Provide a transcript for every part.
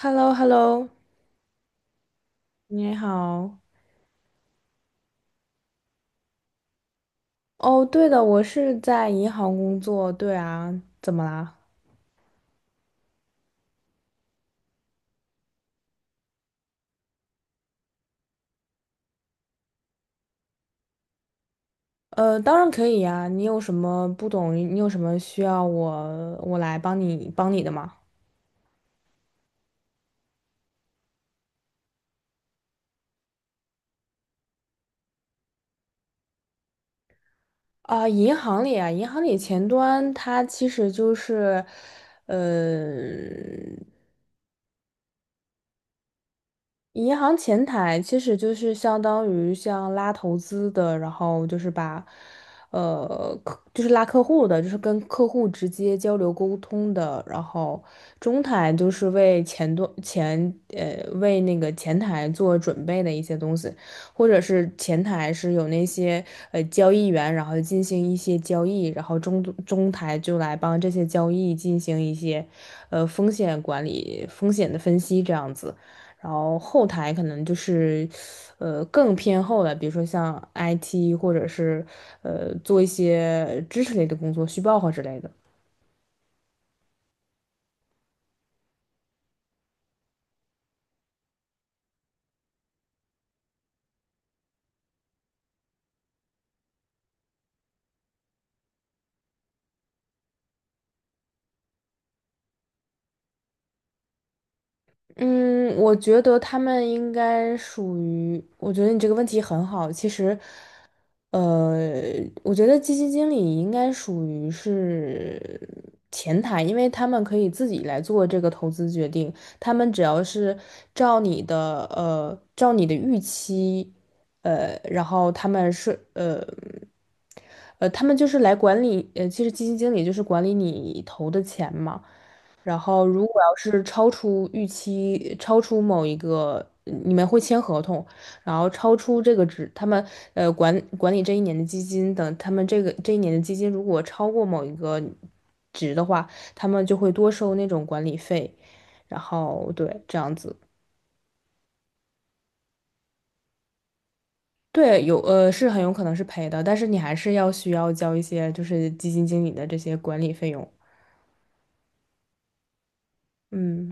h e l l o h e l l o 你好。哦，对的，我是在银行工作。对啊，怎么啦？当然可以呀。你有什么不懂？你有什么需要我来帮你的吗？啊，银行里啊，呃，银行前台其实就是相当于像拉投资的，然后就是就是拉客户的，就是跟客户直接交流沟通的。然后中台就是为前端前呃为那个前台做准备的一些东西，或者是前台是有那些交易员，然后进行一些交易，然后中台就来帮这些交易进行一些风险管理、风险的分析这样子。然后后台可能就是，更偏后的，比如说像 IT 或者是做一些知识类的工作，虚报和之类的。嗯，我觉得他们应该属于，我觉得你这个问题很好。其实，呃，我觉得基金经理应该属于是前台，因为他们可以自己来做这个投资决定，他们只要是照照你的预期，呃，然后他们是呃。他们就是来管理,其实基金经理就是管理你投的钱嘛。然后如果要是超出预期，超出某一个，嗯你们会签合同，然后超出这个值，他们管理这一年的基金等，他们这个这一年的基金如果超过某一个值的话，他们就会多收那种管理费，然后对这样子。对，是很有可能是赔的，但是你还是要需要交一些就是基金经理的这些管理费用。嗯。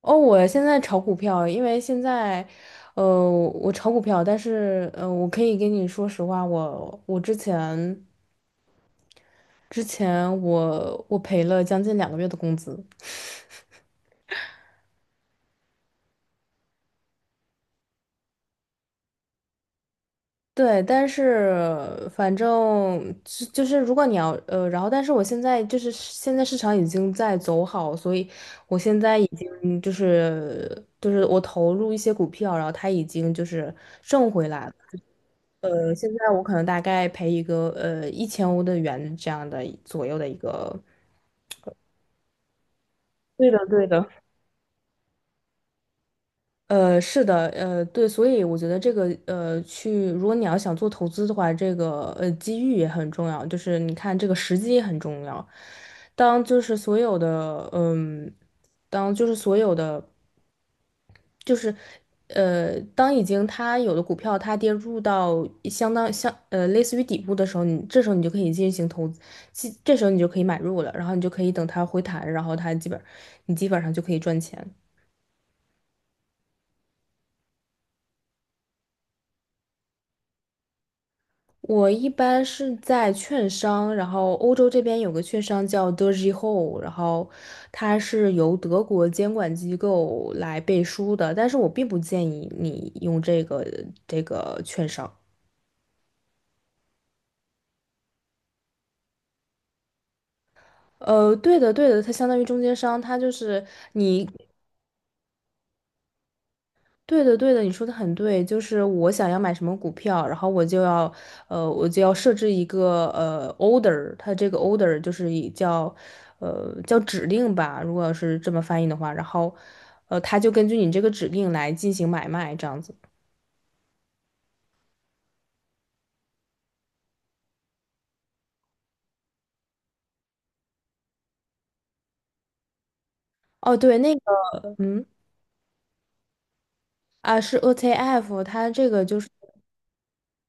哦，我现在炒股票，因为现在，呃，我炒股票，但是，呃，我可以跟你说实话，我之前赔了将近2个月的工资。对，但是反正就是如果你要呃，然后但是我现在就是现在市场已经在走好，所以我现在已经我投入一些股票，然后它已经就是挣回来了。呃，现在我可能大概赔1000欧的元这样的左右的一个。对的，对的。所以我觉得如果你要想做投资的话，机遇也很重要，就是你看这个时机也很重要。当就是所有的嗯，当就是所有的。就是，呃，当已经它有的股票它跌入到相当相呃类似于底部的时候，你这时候你就可以进行投资，这时候你就可以买入了，然后你就可以等它回弹，然后它基本你基本上就可以赚钱。我一般是在券商，然后欧洲这边有个券商叫 Deutsche Hohe,然后它是由德国监管机构来背书的，但是我并不建议你用这个券商。呃，对的，对的，它相当于中间商，它就是你，对的，对的，你说的很对，就是我想要买什么股票，然后我就要设置一个 order,它这个 order 就是叫指令吧，如果是这么翻译的话，它就根据你这个指令来进行买卖，这样子。哦，对，那个，嗯，啊，是 ETF,它这个就是。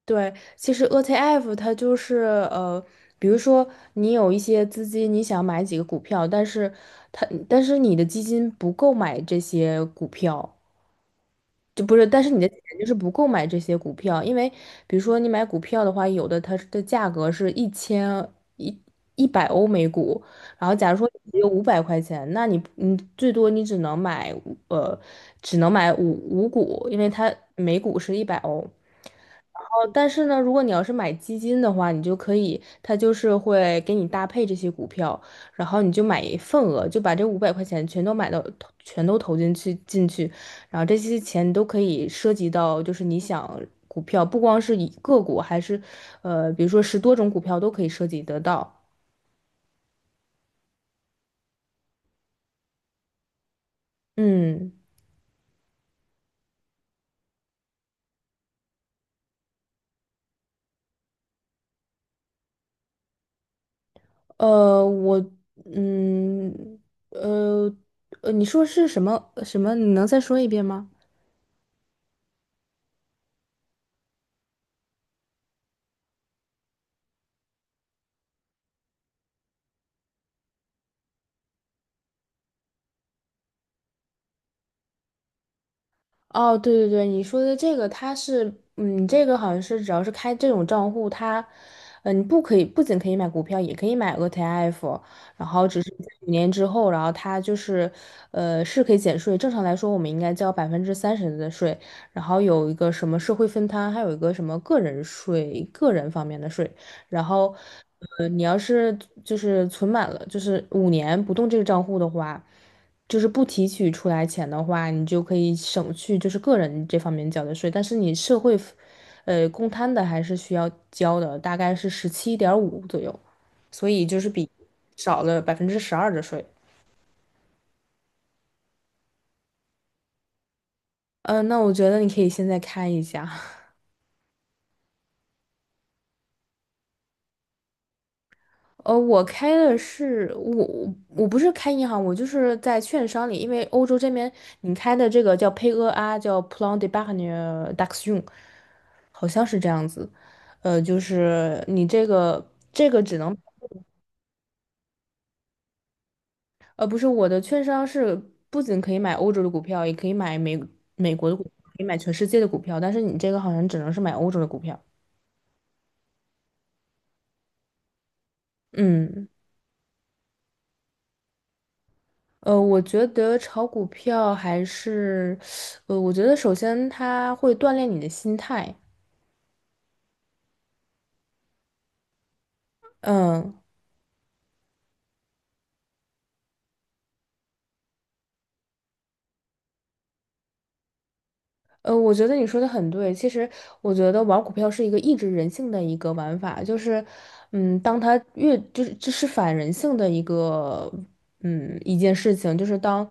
对，其实 ETF 它就是呃，比如说你有一些资金，你想买几个股票，但是你的基金不够买这些股票，就不是，但是你的钱就是不够买这些股票，因为比如说你买股票的话，有的它的价格是一千一一百欧每股，然后假如说你只有五百块钱，那你最多只能买呃5股，因为它每股是一百欧。哦，但是呢，如果你要是买基金的话，你就可以，它就是会给你搭配这些股票，然后你就买一份额，就把这五百块钱全都买到，全都投进去，然后这些钱都可以涉及到，就是你想股票，不光是以个股，还是呃，比如说10多种股票都可以涉及得到。嗯，呃，我，嗯，呃，你说是什么？你能再说一遍吗？哦，对对对，你说的这个，它是，嗯，这个好像是只要是开这种账户，它，嗯，你不可以，不仅可以买股票，也可以买 ETF,然后只是在五年之后，然后它就是，是可以减税。正常来说，我们应该交30%的税，然后有一个什么社会分摊，还有一个什么个人税，个人方面的税。然后，你要是就是存满了，就是五年不动这个账户的话。就是不提取出来钱的话，你就可以省去就是个人这方面交的税，但是你社会福呃，公摊的还是需要交的，大概是17.5左右，所以就是比少了12%的税。嗯，那我觉得你可以现在看一下。呃，我开的是我我不是开银行，我就是在券商里，因为欧洲这边你开的这个叫 PayEA,叫 Plan d'Épargne d'Action,好像是这样子。呃，就是你这个只能，呃，不是我的券商是不仅可以买欧洲的股票，也可以买美国的股票可以买全世界的股票，但是你这个好像只能是买欧洲的股票。嗯。呃，我觉得炒股票还是，我觉得首先它会锻炼你的心态，嗯，我觉得你说的很对。其实，我觉得玩股票是一个抑制人性的一个玩法，就是，嗯，当它越就是这是反人性的一个，嗯，一件事情，就是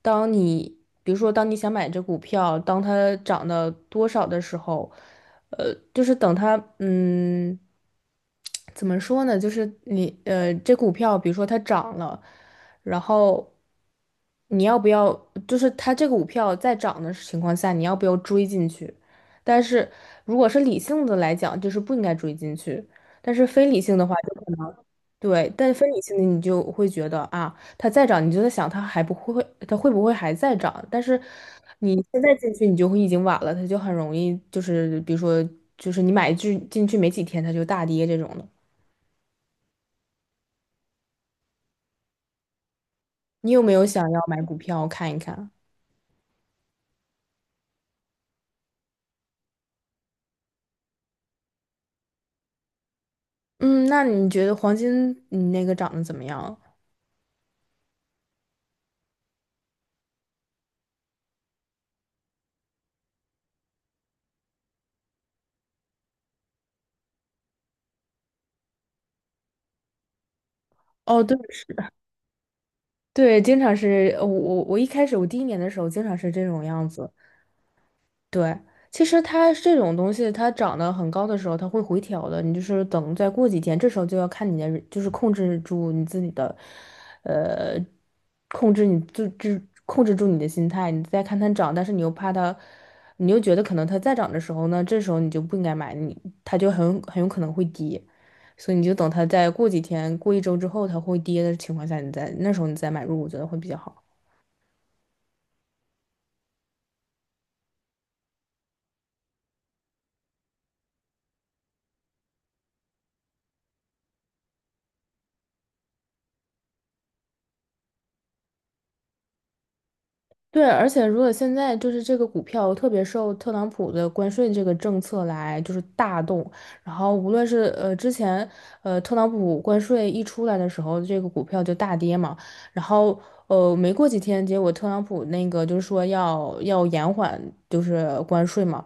当你比如说当你想买这股票，当它涨到多少的时候，呃，就是等它，嗯，怎么说呢？就是这股票比如说它涨了。然后你要不要，就是它这个股票在涨的情况下，你要不要追进去？但是如果是理性的来讲，就是不应该追进去；但是非理性的话，就可能对，但非理性的你就会觉得啊，它再涨，你就在想它还不会，它会不会还在涨？但是你现在进去，你就会已经晚了，它就很容易就是比如说就是你买进去没几天，它就大跌这种的。你有没有想要买股票看一看？嗯，那你觉得黄金你那个长得怎么样？哦，对，是的，对，经常是呃我我我一开始我第一年的时候经常是这种样子，对，其实它这种东西，它涨得很高的时候，它会回调的。你就是等再过几天，这时候就要看你的，就是控制住你自己的，呃，控制你就就控制住你的心态。你再看它涨，但是你又怕它，你又觉得可能它再涨的时候呢，这时候你就不应该买，它就很有可能会跌，所以你就等它再过几天，过一周之后它会跌的情况下，那时候你再买入，我觉得会比较好。对，而且如果现在就是这个股票特别受特朗普的关税这个政策来就是大动，然后无论是呃之前呃特朗普关税一出来的时候，这个股票就大跌嘛，然后没过几天，结果特朗普那个就是说要延缓就是关税嘛，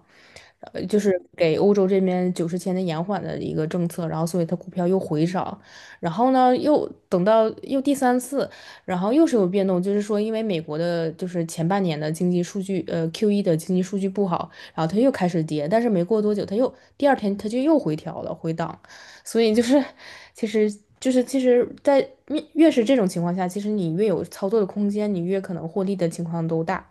呃就是给欧洲这边90天的延缓的一个政策，然后所以它股票又回涨，然后呢又等到又第三次。然后又是有变动，就是说，因为美国的就是前半年的经济数据，呃 Q1的经济数据不好，然后它又开始跌，但是没过多久，它又第2天它就又回调了，回档，所以就是，其实就是其实在，越是这种情况下，其实你越有操作的空间，你越可能获利的情况都大。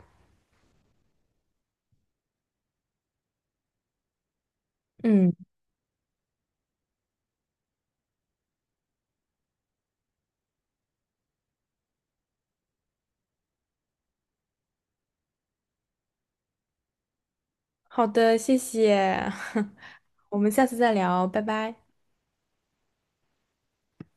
嗯，好的，谢谢，我们下次再聊，拜拜。